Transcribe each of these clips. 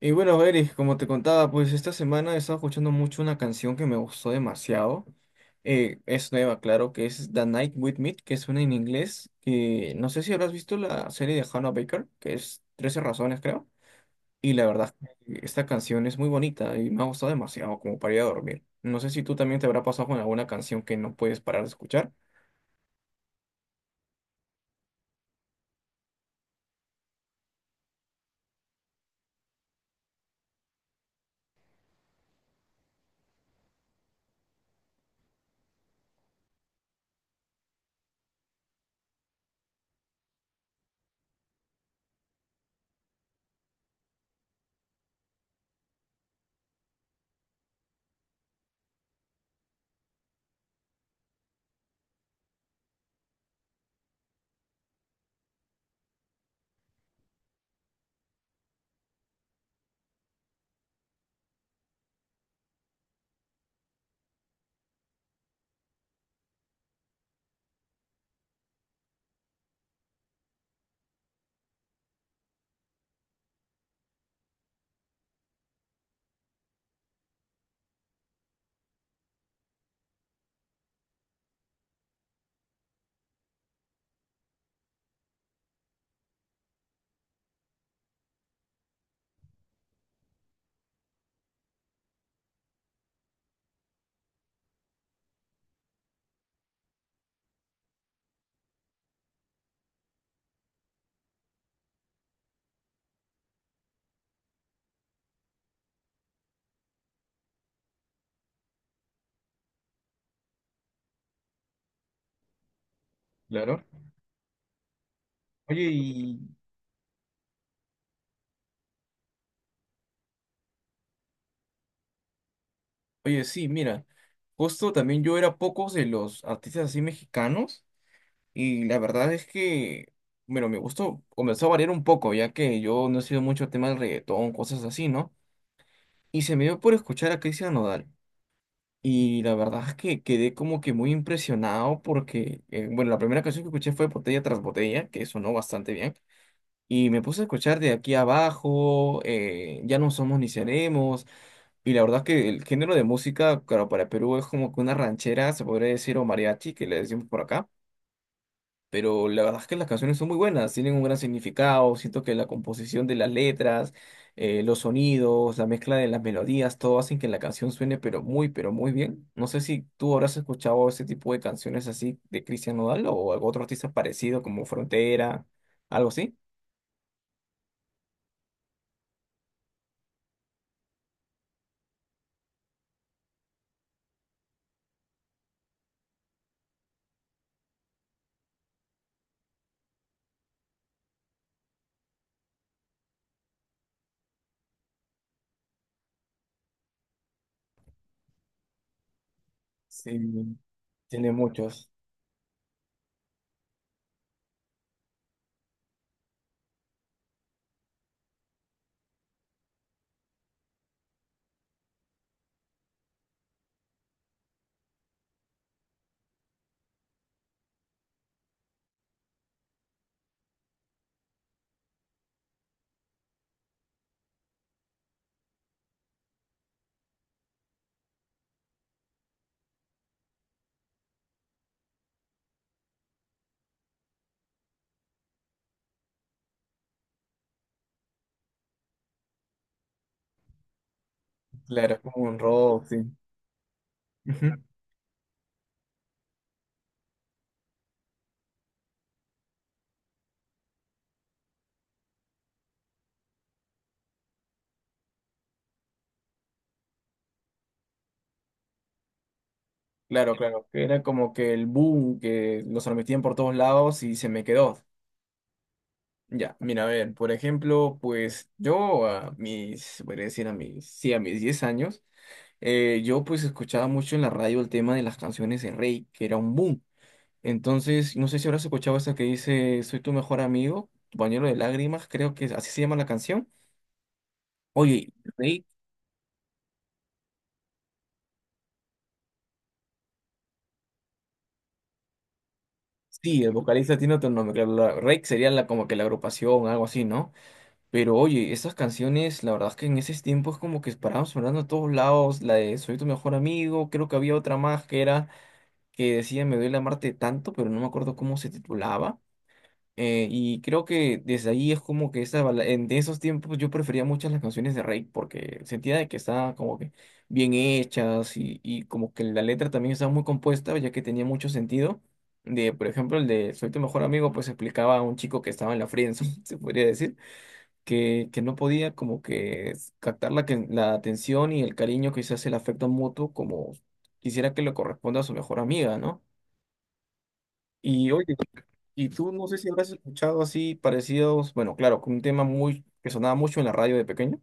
Y bueno, Eric, como te contaba, pues esta semana he estado escuchando mucho una canción que me gustó demasiado. Es nueva, claro, que es The Night With Me, que suena en inglés. Que no sé si habrás visto la serie de Hannah Baker, que es 13 razones, creo. Y la verdad, es que esta canción es muy bonita y me ha gustado demasiado como para ir a dormir. No sé si tú también te habrá pasado con alguna canción que no puedes parar de escuchar. Claro. Oye, y... Oye, sí, mira. Justo también yo era pocos de los artistas así mexicanos. Y la verdad es que, bueno, mi gusto comenzó a variar un poco, ya que yo no he sido mucho tema del reggaetón, cosas así, ¿no? Y se me dio por escuchar a Cristian Nodal. Y la verdad es que quedé como que muy impresionado porque, bueno, la primera canción que escuché fue Botella tras Botella, que sonó bastante bien. Y me puse a escuchar de aquí abajo, Ya no somos ni seremos. Y la verdad es que el género de música, claro, para Perú es como que una ranchera, se podría decir, o mariachi, que le decimos por acá. Pero la verdad es que las canciones son muy buenas, tienen un gran significado, siento que la composición de las letras, los sonidos, la mezcla de las melodías, todo hacen que la canción suene pero muy bien. No sé si tú habrás escuchado ese tipo de canciones así de Christian Nodal o algún otro artista parecido como Frontera, algo así. Sí, tiene muchos. Claro, es como un rock, sí. Ujú. Claro, claro, que era como que el boom que los transmitían por todos lados y se me quedó. Ya, mira, a ver, por ejemplo, pues yo a mis, podría decir a mis, sí, a mis 10 años, yo pues escuchaba mucho en la radio el tema de las canciones de Rey, que era un boom. Entonces, no sé si habrás escuchado esa que dice, soy tu mejor amigo, tu pañuelo de lágrimas, creo que es- así se llama la canción. Oye, Rey, sí, el vocalista tiene otro nombre, claro, la- Rey sería la, como que la agrupación, algo así, ¿no? Pero oye, esas canciones, la verdad es que en esos tiempos como que paraban sonando a todos lados, la de Soy tu mejor amigo, creo que había otra más que era que decía Me duele amarte tanto, pero no me acuerdo cómo se titulaba. Y creo que desde ahí es como que esa, bala- en de esos tiempos yo prefería muchas las canciones de Rake porque sentía de que estaban como que bien hechas y como que la letra también estaba muy compuesta ya que tenía mucho sentido. De, por ejemplo, el de Soy tu mejor amigo pues explicaba a un chico que estaba en la friendzone, se podría decir que no podía como que s- captar la, que- la atención y el cariño, quizás el afecto mutuo, como quisiera que le corresponda a su mejor amiga, ¿no? Y oye, y tú no sé si habrás escuchado así parecidos, bueno, claro, con un tema muy que sonaba mucho en la radio de pequeño.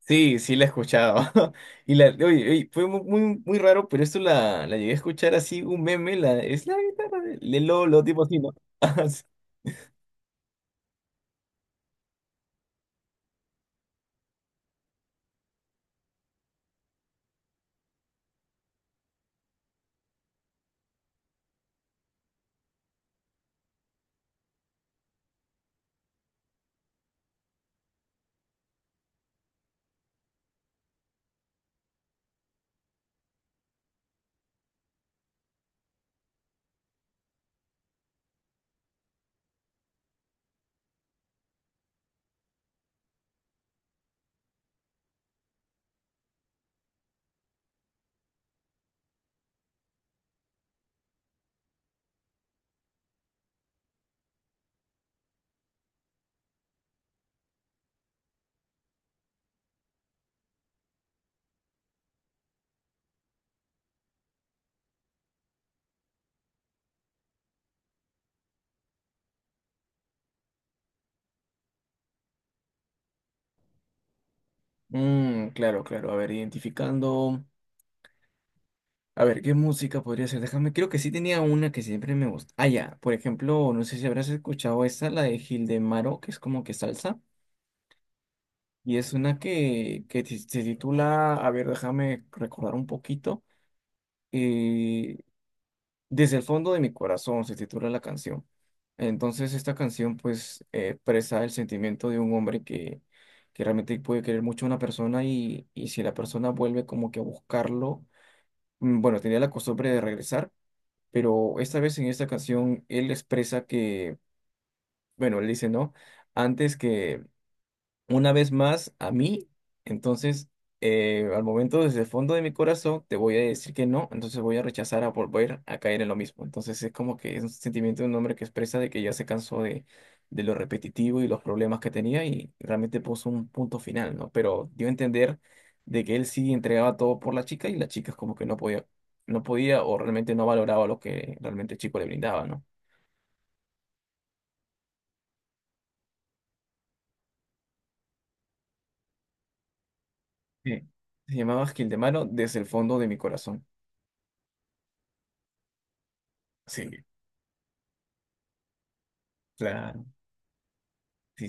Sí, sí la he escuchado. Y la, oye, oye, fue mu- muy, muy, raro, pero esto la, la llegué a escuchar así, un meme, la, es la guitarra de Lolo, tipo así, ¿no? Mm, claro, claro, a ver, identificando. A ver, ¿qué música podría ser? Déjame, creo que sí tenía una que siempre me gusta. Ah, ya, por ejemplo, no sé si habrás escuchado esta, la de Gildemaro, que es como que salsa, y es una que ti- se titula, a ver, déjame recordar un poquito, eh, Desde el fondo de mi corazón se titula la canción. Entonces, esta canción pues expresa el sentimiento de un hombre que realmente puede querer mucho a una persona y si la persona vuelve como que a buscarlo, mm, bueno, tenía la costumbre de regresar pero esta vez en esta canción él expresa que, bueno, él dice, ¿no? Antes que una vez más a mí, entonces al momento desde el fondo de mi corazón te voy a decir que no, entonces voy a rechazar a volver a caer en lo mismo. Entonces es como que es un sentimiento de un hombre que expresa de que ya se cansó de lo repetitivo y los problemas que tenía y realmente puso un punto final, ¿no? Pero dio a entender de que él sí entregaba todo por la chica y la chica es como que no podía, no podía o realmente no valoraba lo que realmente el chico le brindaba, ¿no? Sí. Se llamaba Gildemaro desde el fondo de mi corazón. Sí, claro. Sí.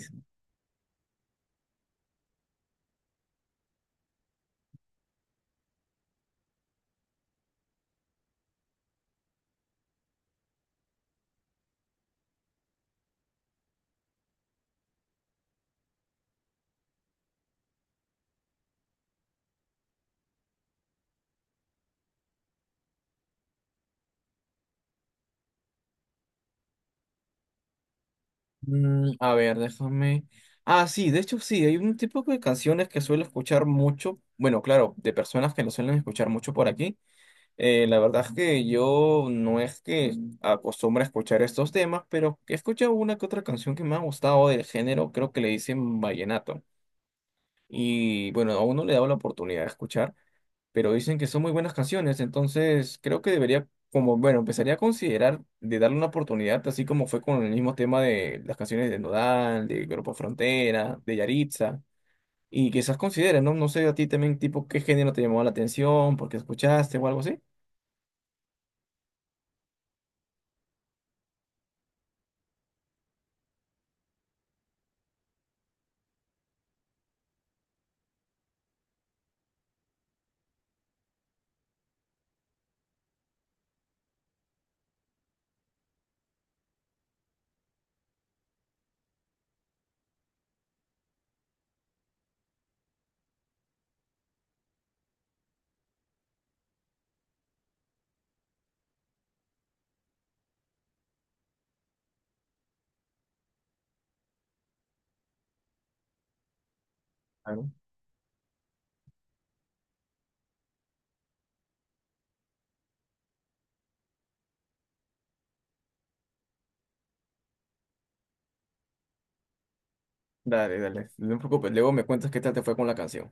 Mm, a ver, déjame. Ah, sí, de hecho sí, hay un tipo de canciones que suelo escuchar mucho. Bueno, claro, de personas que lo suelen escuchar mucho por aquí. La verdad es que yo no es que acostumbre a escuchar estos temas, pero he escuchado una que otra canción que me ha gustado del género, creo que le dicen vallenato. Y bueno, aún no le he dado la oportunidad de escuchar pero dicen que son muy buenas canciones, entonces creo que debería, como, bueno, empezaría a considerar de darle una oportunidad, así como fue con el mismo tema de las canciones de Nodal, de Grupo Frontera, de Yaritza, y quizás considere, ¿no? No sé a ti también, tipo, qué género te llamó la atención, porque escuchaste o algo así. Claro. Dale, dale, no te preocupes, luego me cuentas qué tal te fue con la canción.